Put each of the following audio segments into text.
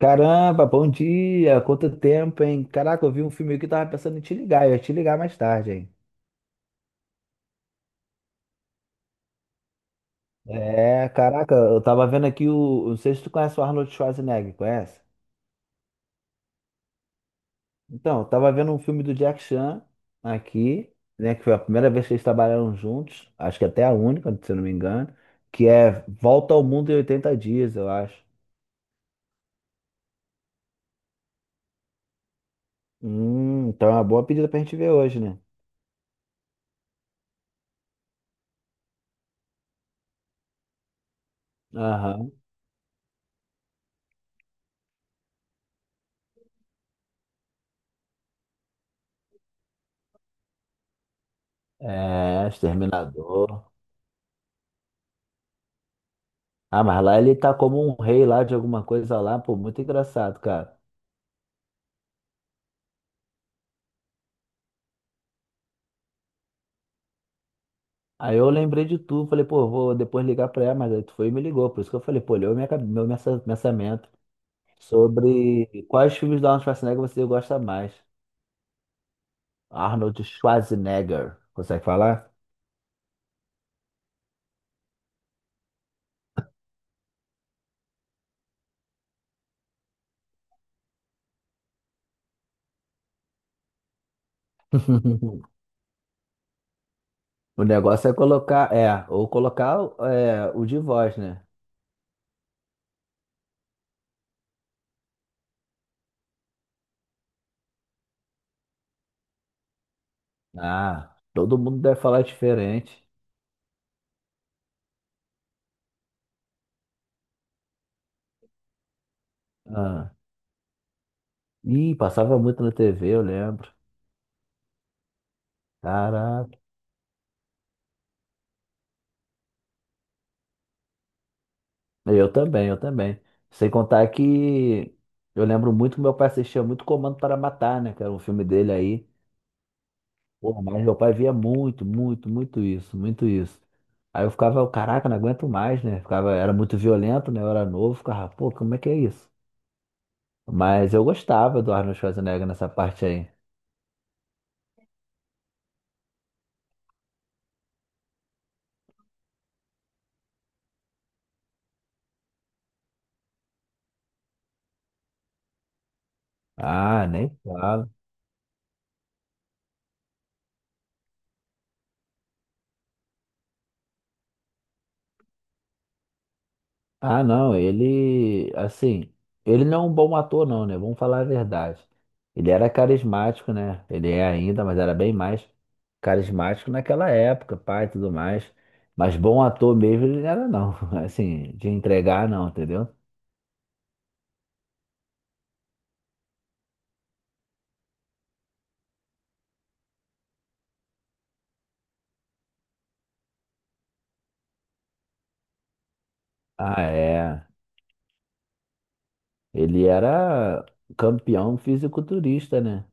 Caramba, bom dia! Quanto tempo, hein? Caraca, eu vi um filme aqui que tava pensando em te ligar, eu ia te ligar mais tarde, hein? É, caraca, eu tava vendo aqui o. Não sei se tu conhece o Arnold Schwarzenegger, conhece? Então, eu tava vendo um filme do Jack Chan aqui, né? Que foi a primeira vez que eles trabalharam juntos, acho que até a única, se eu não me engano, que é Volta ao Mundo em Oitenta Dias, eu acho. Então é uma boa pedida pra gente ver hoje, né? Aham. É, Exterminador. Ah, mas lá ele tá como um rei lá de alguma coisa lá, pô, muito engraçado, cara. Aí eu lembrei de tu, falei, pô, vou depois ligar pra ela, mas aí tu foi e me ligou, por isso que eu falei, pô, leu minha, pensamento sobre quais filmes do Arnold Schwarzenegger você gosta mais. Arnold Schwarzenegger, consegue falar? O negócio é colocar, é, ou colocar é, o de voz, né? Ah, todo mundo deve falar diferente. Ah. Ih, passava muito na TV, eu lembro. Caraca. Eu também, eu também. Sem contar que eu lembro muito que meu pai assistia muito Comando para Matar, né? Que era um filme dele aí. Pô, mas meu pai via muito, muito, muito isso, muito isso. Aí eu ficava, caraca, não aguento mais, né? Ficava, era muito violento, né? Eu era novo, ficava, pô, como é que é isso? Mas eu gostava do Arnold Schwarzenegger nessa parte aí. Ah, nem fala. Ah, não, ele, assim, ele não é um bom ator, não, né? Vamos falar a verdade. Ele era carismático, né? Ele é ainda, mas era bem mais carismático naquela época, pai, e tudo mais. Mas bom ator mesmo ele não era, não. Assim, de entregar, não, entendeu? Ah, é. Ele era campeão fisiculturista, né?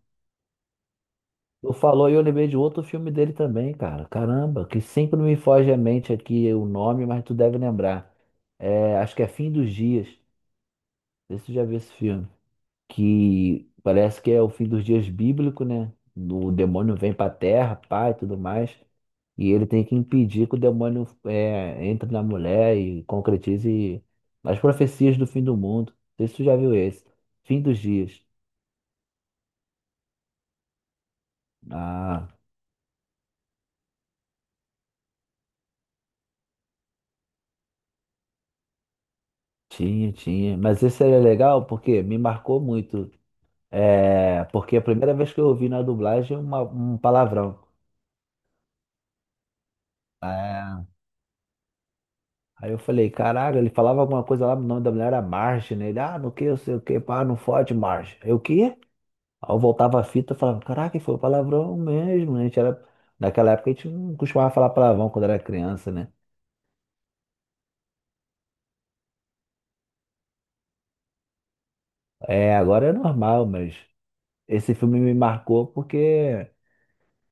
Tu falou e eu lembrei de outro filme dele também, cara. Caramba, que sempre me foge à mente aqui o nome, mas tu deve lembrar. É, acho que é Fim dos Dias. Não sei se você já viu esse filme. Que parece que é o fim dos dias bíblico, né? O demônio vem pra terra, pai, tudo mais. E ele tem que impedir que o demônio entre na mulher e concretize as profecias do fim do mundo. Não sei se você já viu esse. Fim dos dias. Ah, tinha, tinha. Mas esse era legal porque me marcou muito. É, porque a primeira vez que eu ouvi na dublagem uma, um palavrão. É. Aí eu falei, caraca, ele falava alguma coisa lá, o nome da mulher era Marge, né? Ele, ah, no que, eu sei o que, pá, não fode, Marge. Eu, o quê? Aí eu voltava a fita, e falava, caraca, ele falou palavrão mesmo, né? A gente era, naquela época a gente não costumava falar palavrão quando era criança, né? É, agora é normal, mas esse filme me marcou porque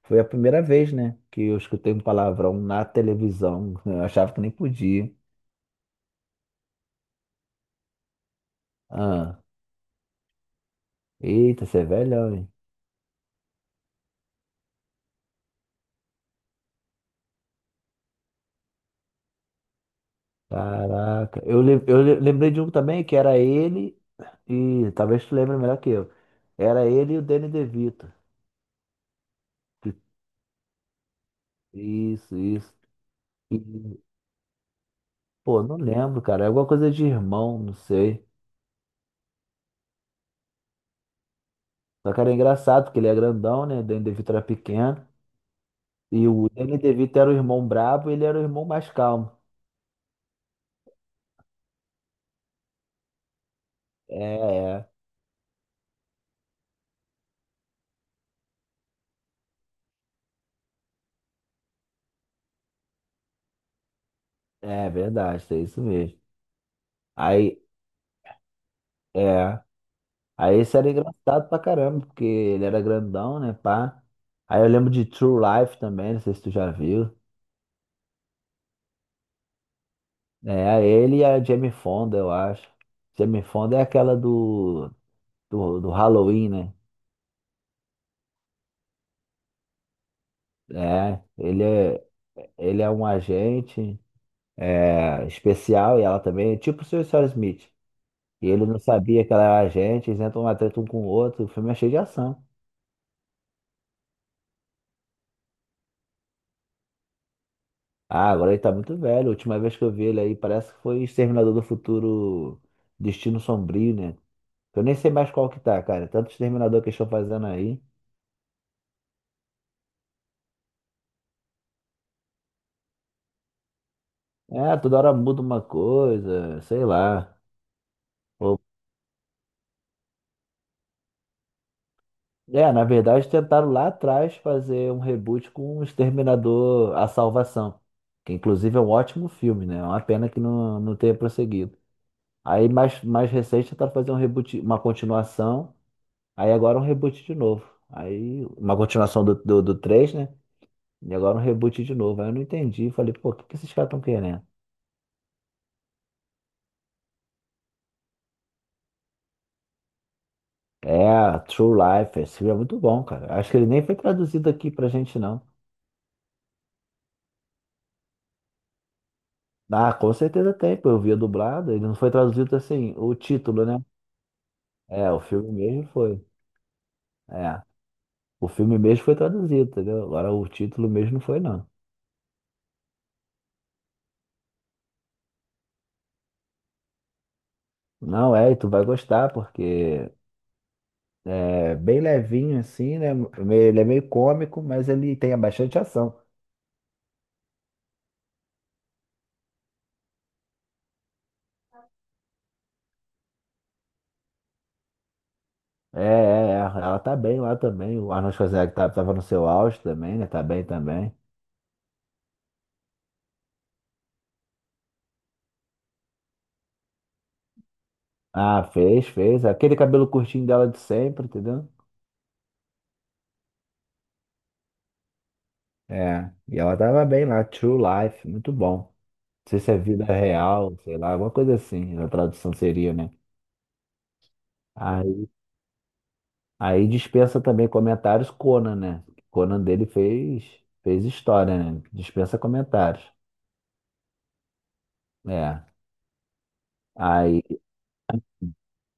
foi a primeira vez, né, que eu escutei um palavrão na televisão. Eu achava que nem podia. Ah, eita, você é velhão, hein? Caraca. Eu lembrei de um também que era ele. E talvez tu lembre melhor que eu. Era ele e o Danny DeVito. Que- Isso, isso. E, pô, não lembro, cara. É alguma coisa de irmão, não sei. Só que era engraçado, porque ele é grandão, né? O Danny DeVito era pequeno. E o Danny DeVito era o irmão brabo e ele era o irmão mais calmo. É, é. É verdade, é isso mesmo. Aí, é. Aí esse era engraçado pra caramba, porque ele era grandão, né, pá? Aí eu lembro de True Life também, não sei se tu já viu. É, ele e a Jamie Fonda, eu acho. Jamie Fonda é aquela do Halloween, né? É, ele é um agente especial e ela também, tipo o Sr. Smith. E ele não sabia que ela era agente, eles entram uma treta um com o outro, o filme é cheio de ação. Ah, agora ele tá muito velho. A última vez que eu vi ele aí, parece que foi Exterminador do Futuro Destino Sombrio, né? Eu nem sei mais qual que tá, cara. Tanto Exterminador que eles estão fazendo aí. É, toda hora muda uma coisa, sei lá. Ou- É, na verdade tentaram lá atrás fazer um reboot com o Exterminador A Salvação, que inclusive é um ótimo filme, né? É uma pena que não tenha prosseguido. Aí mais recente tentaram fazer um reboot, uma continuação, aí agora um reboot de novo. Aí uma continuação do 3, né? E agora um reboot de novo. Aí eu não entendi, falei, pô, o que que esses caras estão querendo? É, True Life, esse filme é muito bom, cara. Acho que ele nem foi traduzido aqui pra gente, não. Ah, com certeza tem, pô. Eu via dublada. Ele não foi traduzido assim, o título, né? É, o filme mesmo foi. É, o filme mesmo foi traduzido, entendeu? Agora o título mesmo não foi, não. Não, é, e tu vai gostar, porque é bem levinho assim, né? Ele é meio cômico, mas ele tem bastante ação. É, é, é. Ela tá bem lá também. O Arnold Schwarzenegger tava no seu auge também, né? Tá bem também. Ah, fez, fez. Aquele cabelo curtinho dela de sempre, entendeu? É, e ela tava bem lá, True Life, muito bom. Não sei se é vida real, sei lá, alguma coisa assim, a tradução seria, né? Aí, aí dispensa também comentários Conan, né? Conan dele fez história, né? Dispensa comentários. É. Aí,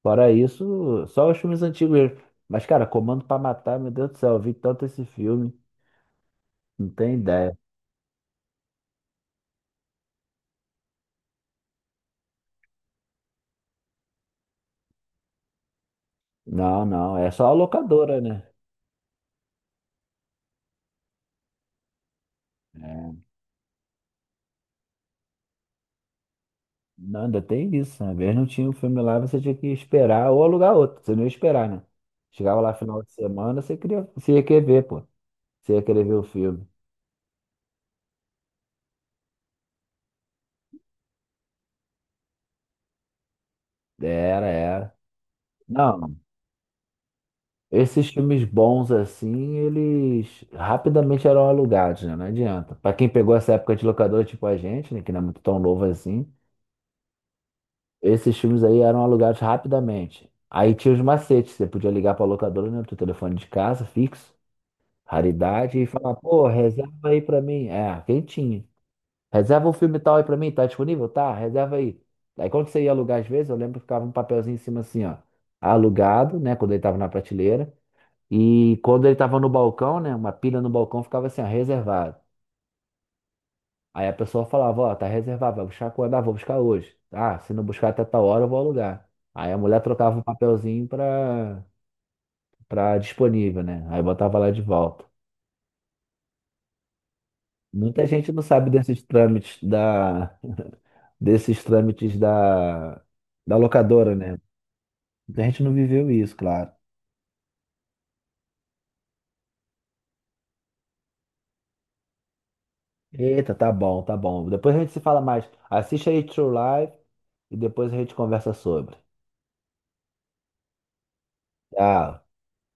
fora isso, só os filmes antigos mesmo. Mas, cara, Comando pra Matar, meu Deus do céu, eu vi tanto esse filme, não tem ideia. Não, não, é só a locadora, né? É. Não, ainda tem isso. Uma vez não tinha um filme lá, você tinha que esperar ou alugar outro. Você não ia esperar, né? Chegava lá final de semana, você queria, você ia querer ver, pô. Você ia querer ver o filme. Era, era. Não, esses filmes bons assim, eles rapidamente eram alugados, né? Não adianta. Pra quem pegou essa época de locador, tipo a gente, né? Que não é muito tão novo assim, esses filmes aí eram alugados rapidamente. Aí tinha os macetes, você podia ligar pra locadora, né? Do teu telefone de casa, fixo. Raridade e falar, pô, reserva aí pra mim. É, quem tinha? Reserva um filme tal aí pra mim, tá disponível? Tá, reserva aí. Aí quando você ia alugar às vezes, eu lembro que ficava um papelzinho em cima assim, ó. Alugado, né, quando ele tava na prateleira. E quando ele tava no balcão, né, uma pilha no balcão ficava assim, ó, reservado. Aí a pessoa falava, ó, tá reservado, vai buscar quando? Ah, vou buscar hoje. Ah, se não buscar até tal hora, eu vou alugar. Aí a mulher trocava o papelzinho pra disponível, né? Aí botava lá de volta. Muita gente não sabe desses trâmites da locadora, né? Muita gente não viveu isso, claro. Eita, tá bom, tá bom. Depois a gente se fala mais. Assiste aí True Life e depois a gente conversa sobre. Tchau.